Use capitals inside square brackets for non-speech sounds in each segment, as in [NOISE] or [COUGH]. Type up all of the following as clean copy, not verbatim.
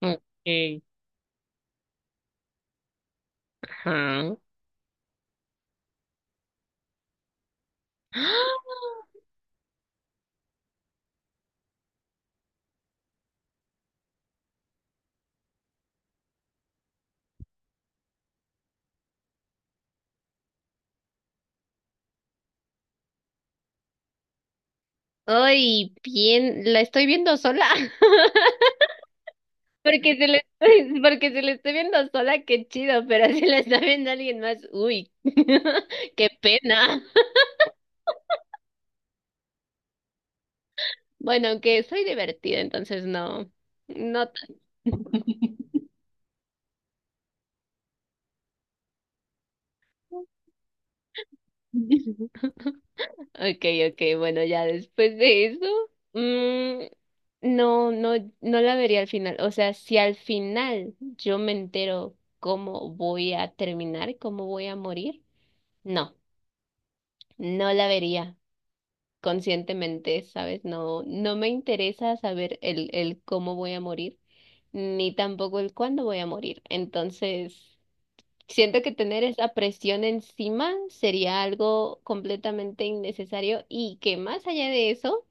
Ok, ajá. ¡Ah! Ay, bien, la estoy viendo sola. [LAUGHS] Porque se la estoy, porque se la estoy viendo sola, qué chido, pero [LAUGHS] si la está viendo alguien más, uy, [LAUGHS] qué pena. Bueno, aunque soy divertida, entonces no, no. [LAUGHS] Okay, bueno, ya después de eso, mm, no, no, no la vería al final. O sea, si al final yo me entero cómo voy a terminar, cómo voy a morir. No, no la vería conscientemente, ¿sabes? No, no me interesa saber el cómo voy a morir, ni tampoco el cuándo voy a morir. Entonces, siento que tener esa presión encima sería algo completamente innecesario y que, más allá de eso,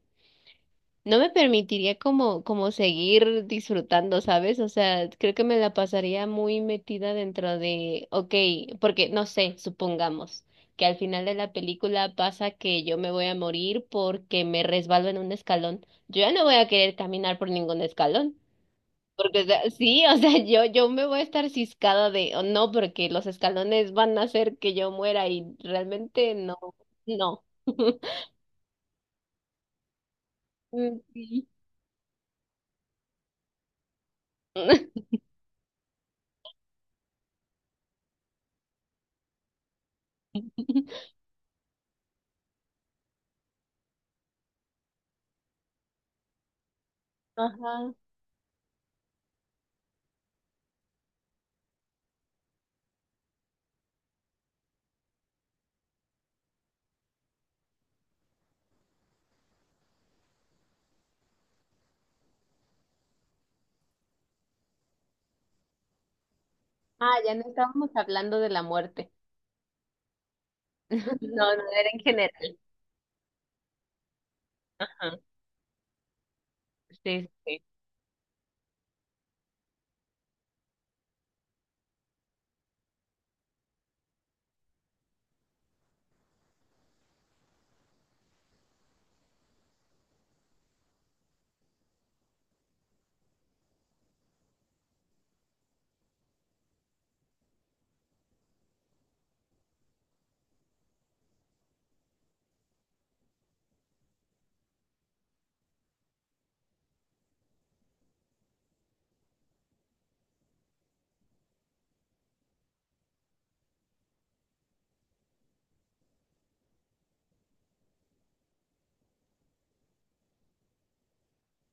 no me permitiría como, como seguir disfrutando, ¿sabes? O sea, creo que me la pasaría muy metida dentro de, ok, porque no sé, supongamos que al final de la película pasa que yo me voy a morir porque me resbalo en un escalón. Yo ya no voy a querer caminar por ningún escalón. Porque, o sea, [LAUGHS] sí, o sea, yo me voy a estar ciscada de, o no, porque los escalones van a hacer que yo muera y realmente no, no. [LAUGHS] Mm, sí. [LAUGHS] Ajá. Ah, ya no estábamos hablando de la muerte. [LAUGHS] No, no, era en general. Ajá. Sí, sí.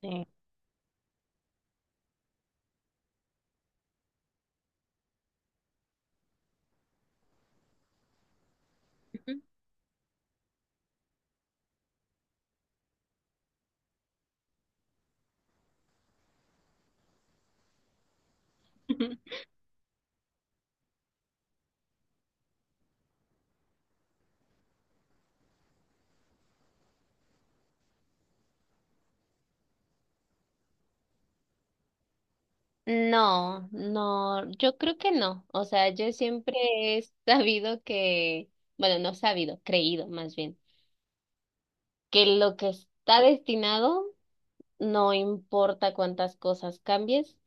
Sí. [LAUGHS] No, no, yo creo que no. O sea, yo siempre he sabido que, bueno, no sabido, creído más bien, que lo que está destinado, no importa cuántas cosas cambies,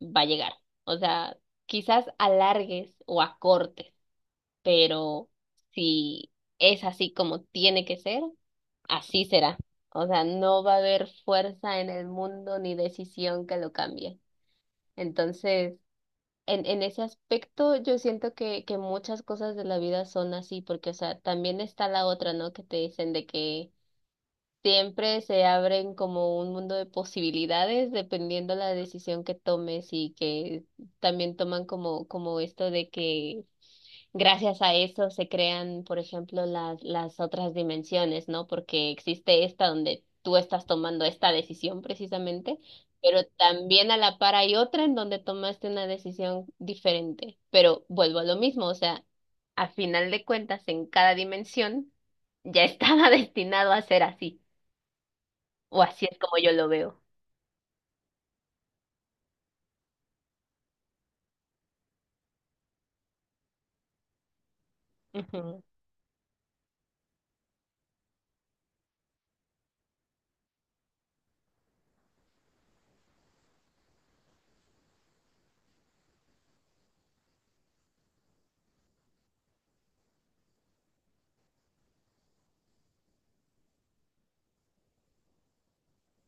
va a llegar. O sea, quizás alargues o acortes, pero si es así como tiene que ser, así será. O sea, no va a haber fuerza en el mundo ni decisión que lo cambie. Entonces, en ese aspecto, yo siento que muchas cosas de la vida son así, porque, o sea, también está la otra, ¿no? Que te dicen de que siempre se abren como un mundo de posibilidades dependiendo la decisión que tomes y que también toman como, como esto de que gracias a eso se crean, por ejemplo, las otras dimensiones, ¿no? Porque existe esta donde tú estás tomando esta decisión precisamente, pero también a la par hay otra en donde tomaste una decisión diferente. Pero vuelvo a lo mismo, o sea, a final de cuentas, en cada dimensión ya estaba [LAUGHS] destinado a ser así. O así es como yo lo veo. Ujú.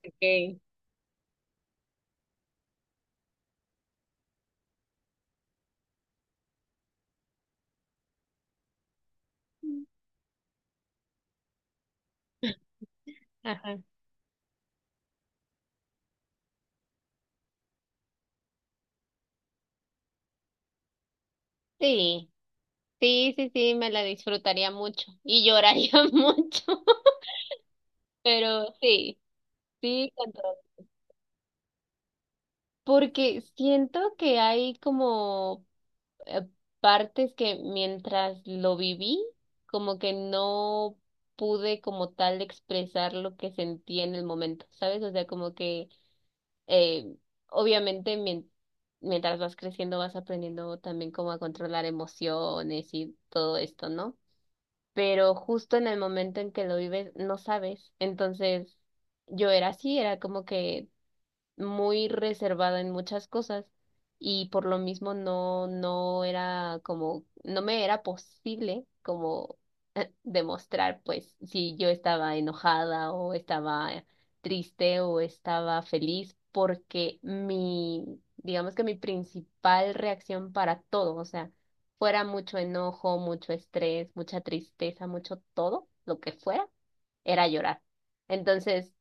Ok. [LAUGHS] Ajá. Sí, sí, sí, sí, me la disfrutaría mucho y lloraría [LAUGHS] mucho, pero sí, sí, con todo. Porque siento que hay como eh, partes que, mientras lo viví, como que no pude como tal expresar lo que sentí en el momento, ¿sabes? O sea, como que Eh, obviamente, mientras vas creciendo, vas aprendiendo también cómo a controlar emociones y todo esto, ¿no? Pero justo en el momento en que lo vives, no sabes. Entonces, yo era así, era como que muy reservada en muchas cosas y por lo mismo no, no era como, no me era posible como [LAUGHS] demostrar pues si yo estaba enojada o estaba triste o estaba feliz, porque mi, digamos que mi principal reacción para todo, o sea, fuera mucho enojo, mucho estrés, mucha tristeza, mucho todo, lo que fuera, era llorar. Entonces,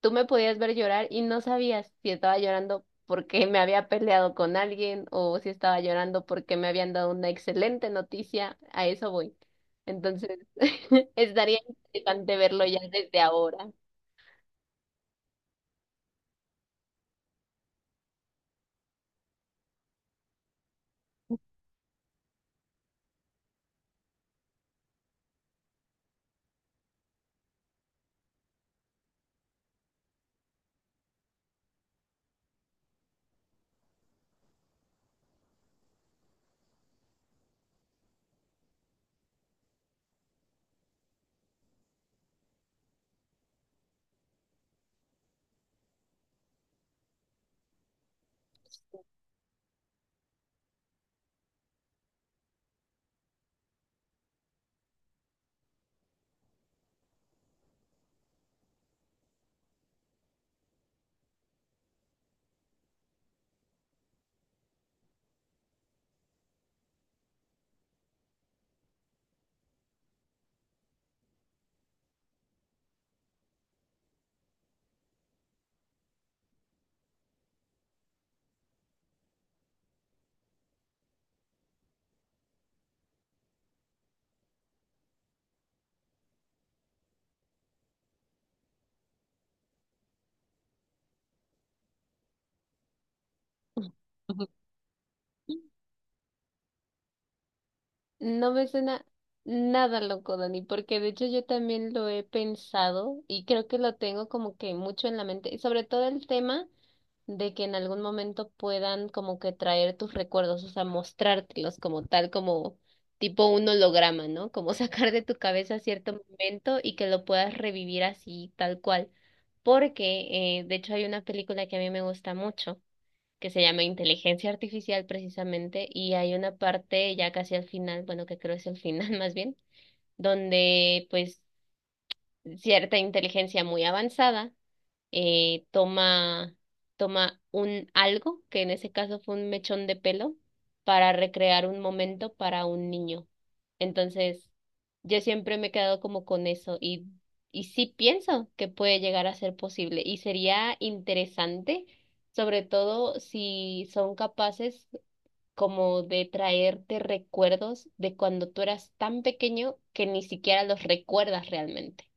tú me podías ver llorar y no sabías si estaba llorando porque me había peleado con alguien o si estaba llorando porque me habían dado una excelente noticia. A eso voy. Entonces, [LAUGHS] estaría interesante verlo ya desde ahora. [LAUGHS] No me suena nada loco, Dani, porque de hecho yo también lo he pensado y creo que lo tengo como que mucho en la mente, y sobre todo el tema de que en algún momento puedan como que traer tus recuerdos, o sea, mostrártelos como tal, como tipo un holograma, ¿no? Como [LAUGHS] sacar de tu cabeza cierto momento y que lo puedas revivir así, tal cual. Porque, de hecho, hay una película que a mí me gusta mucho, que se llama Inteligencia Artificial precisamente, y hay una parte ya casi al final, bueno, que creo es el final [LAUGHS] más bien, donde pues cierta inteligencia muy avanzada eh, toma, toma un algo, que en ese caso fue un mechón de pelo, para recrear un momento para un niño. Entonces, yo siempre me he quedado como con eso y sí pienso que puede llegar a ser posible y sería interesante, sobre todo si son capaces como de traerte recuerdos de cuando tú eras tan pequeño que ni siquiera los recuerdas realmente.